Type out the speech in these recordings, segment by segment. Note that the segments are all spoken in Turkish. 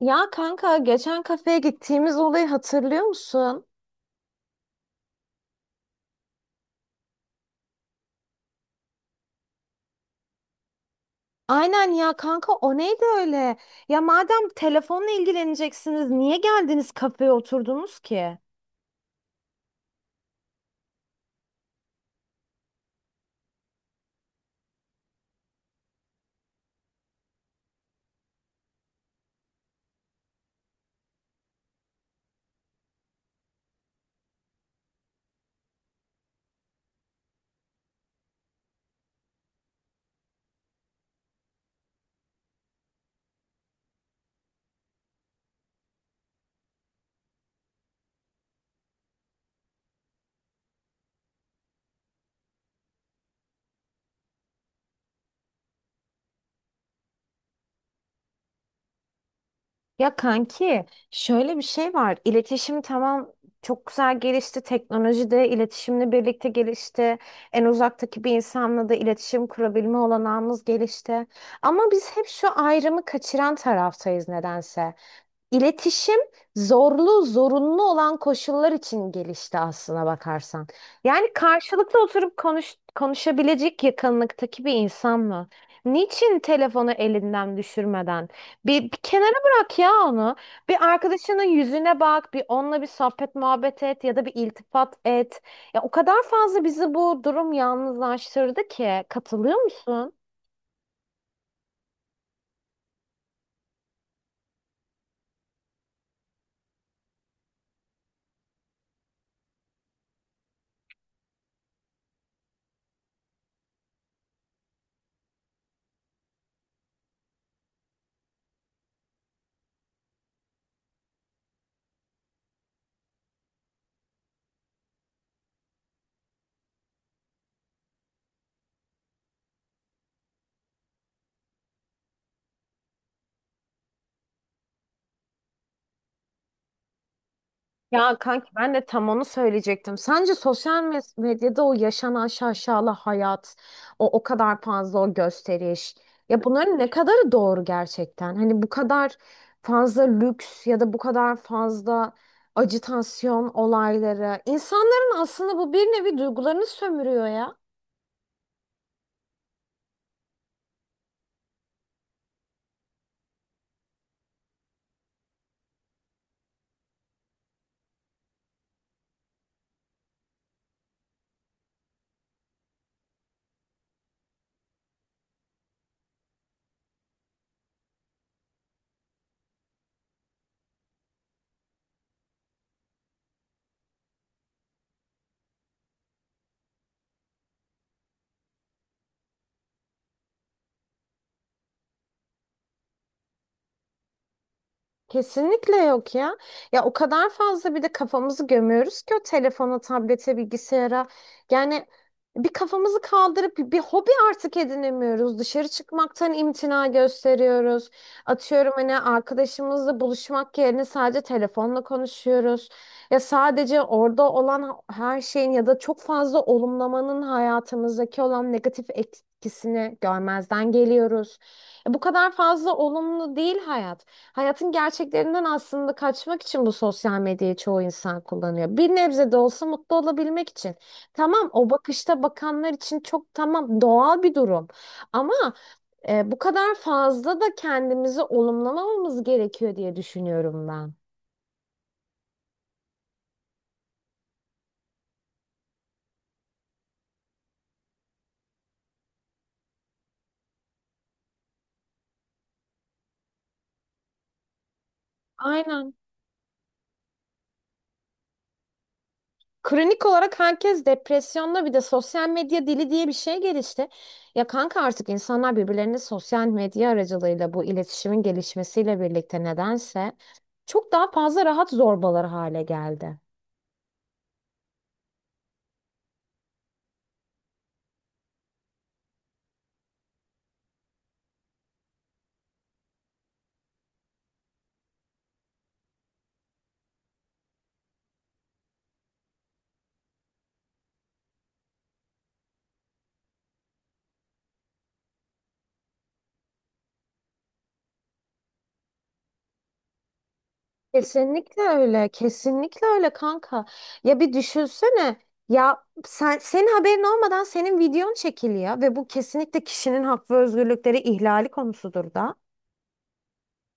Ya kanka geçen kafeye gittiğimiz olayı hatırlıyor musun? Aynen ya kanka o neydi öyle? Ya madem telefonla ilgileneceksiniz niye geldiniz kafeye oturdunuz ki? Ya kanki şöyle bir şey var. İletişim tamam çok güzel gelişti. Teknoloji de iletişimle birlikte gelişti. En uzaktaki bir insanla da iletişim kurabilme olanağımız gelişti. Ama biz hep şu ayrımı kaçıran taraftayız nedense. İletişim zorlu, zorunlu olan koşullar için gelişti aslına bakarsan. Yani karşılıklı oturup konuş, konuşabilecek yakınlıktaki bir insan mı? Niçin telefonu elinden düşürmeden? Bir kenara bırak ya onu. Bir arkadaşının yüzüne bak, bir onunla bir sohbet muhabbet et ya da bir iltifat et. Ya o kadar fazla bizi bu durum yalnızlaştırdı ki. Katılıyor musun? Ya kanki ben de tam onu söyleyecektim. Sence sosyal medyada o yaşanan şaşalı hayat, o kadar fazla o gösteriş. Ya bunların ne kadarı doğru gerçekten? Hani bu kadar fazla lüks ya da bu kadar fazla ajitasyon olayları. İnsanların aslında bu bir nevi duygularını sömürüyor ya. Kesinlikle yok ya. Ya o kadar fazla bir de kafamızı gömüyoruz ki o telefona, tablete, bilgisayara. Yani bir kafamızı kaldırıp bir hobi artık edinemiyoruz. Dışarı çıkmaktan imtina gösteriyoruz. Atıyorum hani arkadaşımızla buluşmak yerine sadece telefonla konuşuyoruz. Ya sadece orada olan her şeyin ya da çok fazla olumlamanın hayatımızdaki olan negatif etkisini görmezden geliyoruz. Ya bu kadar fazla olumlu değil hayat. Hayatın gerçeklerinden aslında kaçmak için bu sosyal medyayı çoğu insan kullanıyor. Bir nebze de olsa mutlu olabilmek için. Tamam o bakışta bakanlar için çok tamam doğal bir durum. Ama bu kadar fazla da kendimizi olumlamamamız gerekiyor diye düşünüyorum ben. Aynen. Kronik olarak herkes depresyonda bir de sosyal medya dili diye bir şey gelişti. Ya kanka artık insanlar birbirlerine sosyal medya aracılığıyla bu iletişimin gelişmesiyle birlikte nedense çok daha fazla rahat zorbalar hale geldi. Kesinlikle öyle, kesinlikle öyle kanka. Ya bir düşünsene ya sen senin haberin olmadan senin videon çekiliyor ve bu kesinlikle kişinin hak ve özgürlükleri ihlali konusudur da.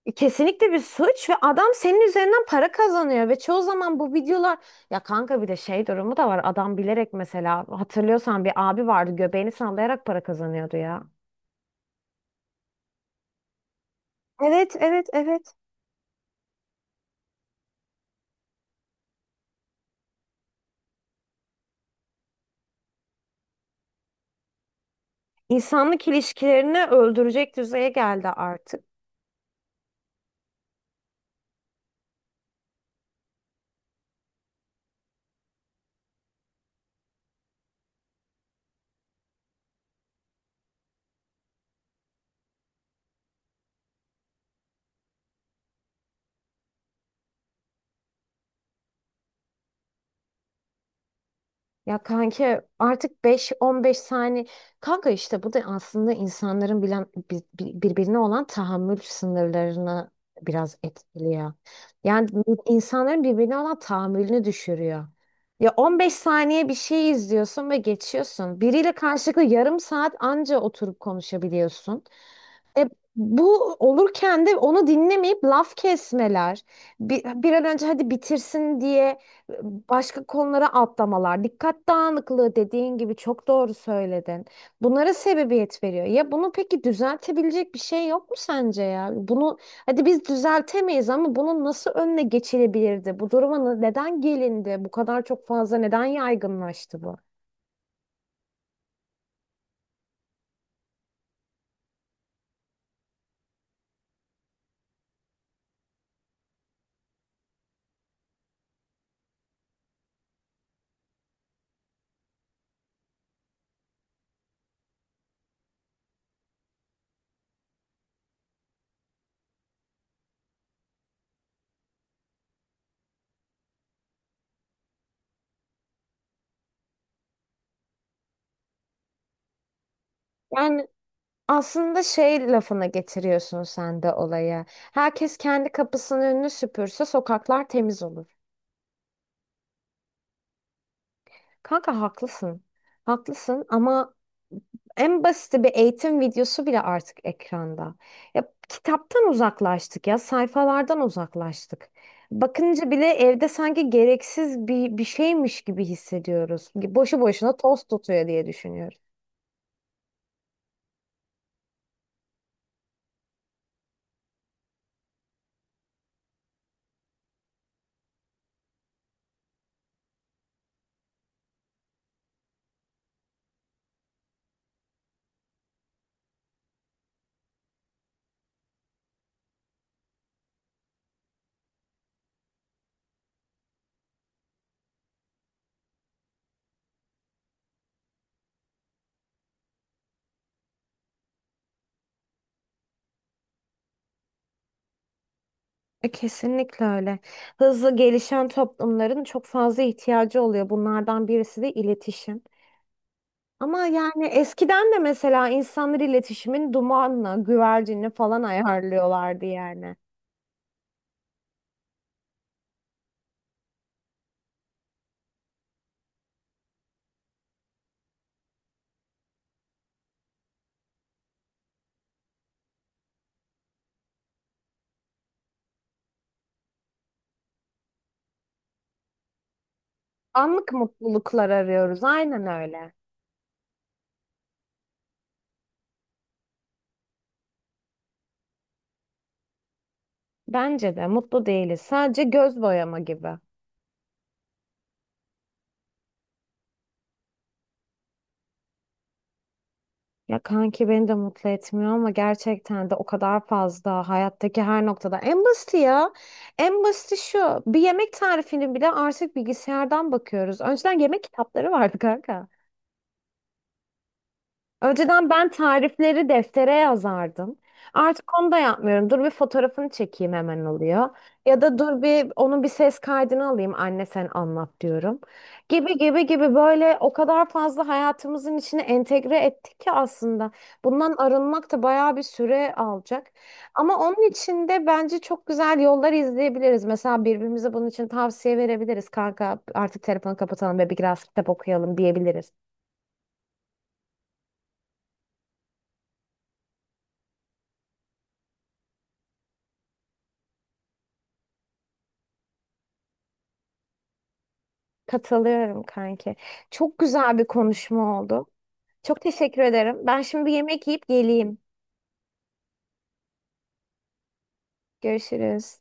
Kesinlikle bir suç ve adam senin üzerinden para kazanıyor ve çoğu zaman bu videolar ya kanka bir de şey durumu da var adam bilerek mesela hatırlıyorsan bir abi vardı göbeğini sallayarak para kazanıyordu ya. Evet, evet, evet. İnsanlık ilişkilerini öldürecek düzeye geldi. Ya kanki artık 5-15 saniye kanka işte bu da aslında insanların birbirine olan tahammül sınırlarını biraz etkiliyor. Yani insanların birbirine olan tahammülünü düşürüyor. Ya 15 saniye bir şey izliyorsun ve geçiyorsun. Biriyle karşılıklı yarım saat anca oturup konuşabiliyorsun. E, Bu olurken de onu dinlemeyip laf kesmeler, bir an önce hadi bitirsin diye e, başka konulara atlamalar, dikkat dağınıklığı dediğin gibi çok doğru söyledin. Bunlara sebebiyet veriyor. Ya bunu peki düzeltebilecek bir şey yok mu sence ya? Bunu hadi biz düzeltemeyiz ama bunun nasıl önüne geçilebilirdi? Bu duruma neden gelindi? Bu kadar çok fazla neden yaygınlaştı bu? Yani. Aslında şey lafına getiriyorsun sen de olaya. Herkes kendi kapısının önünü süpürse sokaklar temiz olur. Kanka haklısın. Haklısın ama en basiti bir eğitim videosu bile artık ekranda. Ya kitaptan uzaklaştık ya, sayfalardan uzaklaştık. Bakınca bile evde sanki gereksiz bir şeymiş gibi hissediyoruz. Boşu boşuna toz tutuyor diye düşünüyorum. Kesinlikle öyle. Hızlı gelişen toplumların çok fazla ihtiyacı oluyor. Bunlardan birisi de iletişim. Ama yani eskiden de mesela insanlar iletişimin dumanla, güvercinle falan ayarlıyorlardı yani. Anlık mutluluklar arıyoruz. Aynen öyle. Bence de mutlu değiliz. Sadece göz boyama gibi. Ya kanki beni de mutlu etmiyor ama gerçekten de o kadar fazla hayattaki her noktada. En basiti ya. En basiti şu. Bir yemek tarifini bile artık bilgisayardan bakıyoruz. Önceden yemek kitapları vardı kanka. Önceden ben tarifleri deftere yazardım. Artık onu da yapmıyorum. Dur bir fotoğrafını çekeyim hemen oluyor. Ya da dur bir onun bir ses kaydını alayım anne sen anlat diyorum. Gibi gibi gibi böyle o kadar fazla hayatımızın içine entegre ettik ki aslında. Bundan arınmak da bayağı bir süre alacak. Ama onun için de bence çok güzel yollar izleyebiliriz. Mesela birbirimize bunun için tavsiye verebiliriz. Kanka artık telefonu kapatalım ve biraz kitap okuyalım diyebiliriz. Katılıyorum kanki. Çok güzel bir konuşma oldu. Çok teşekkür ederim. Ben şimdi bir yemek yiyip geleyim. Görüşürüz.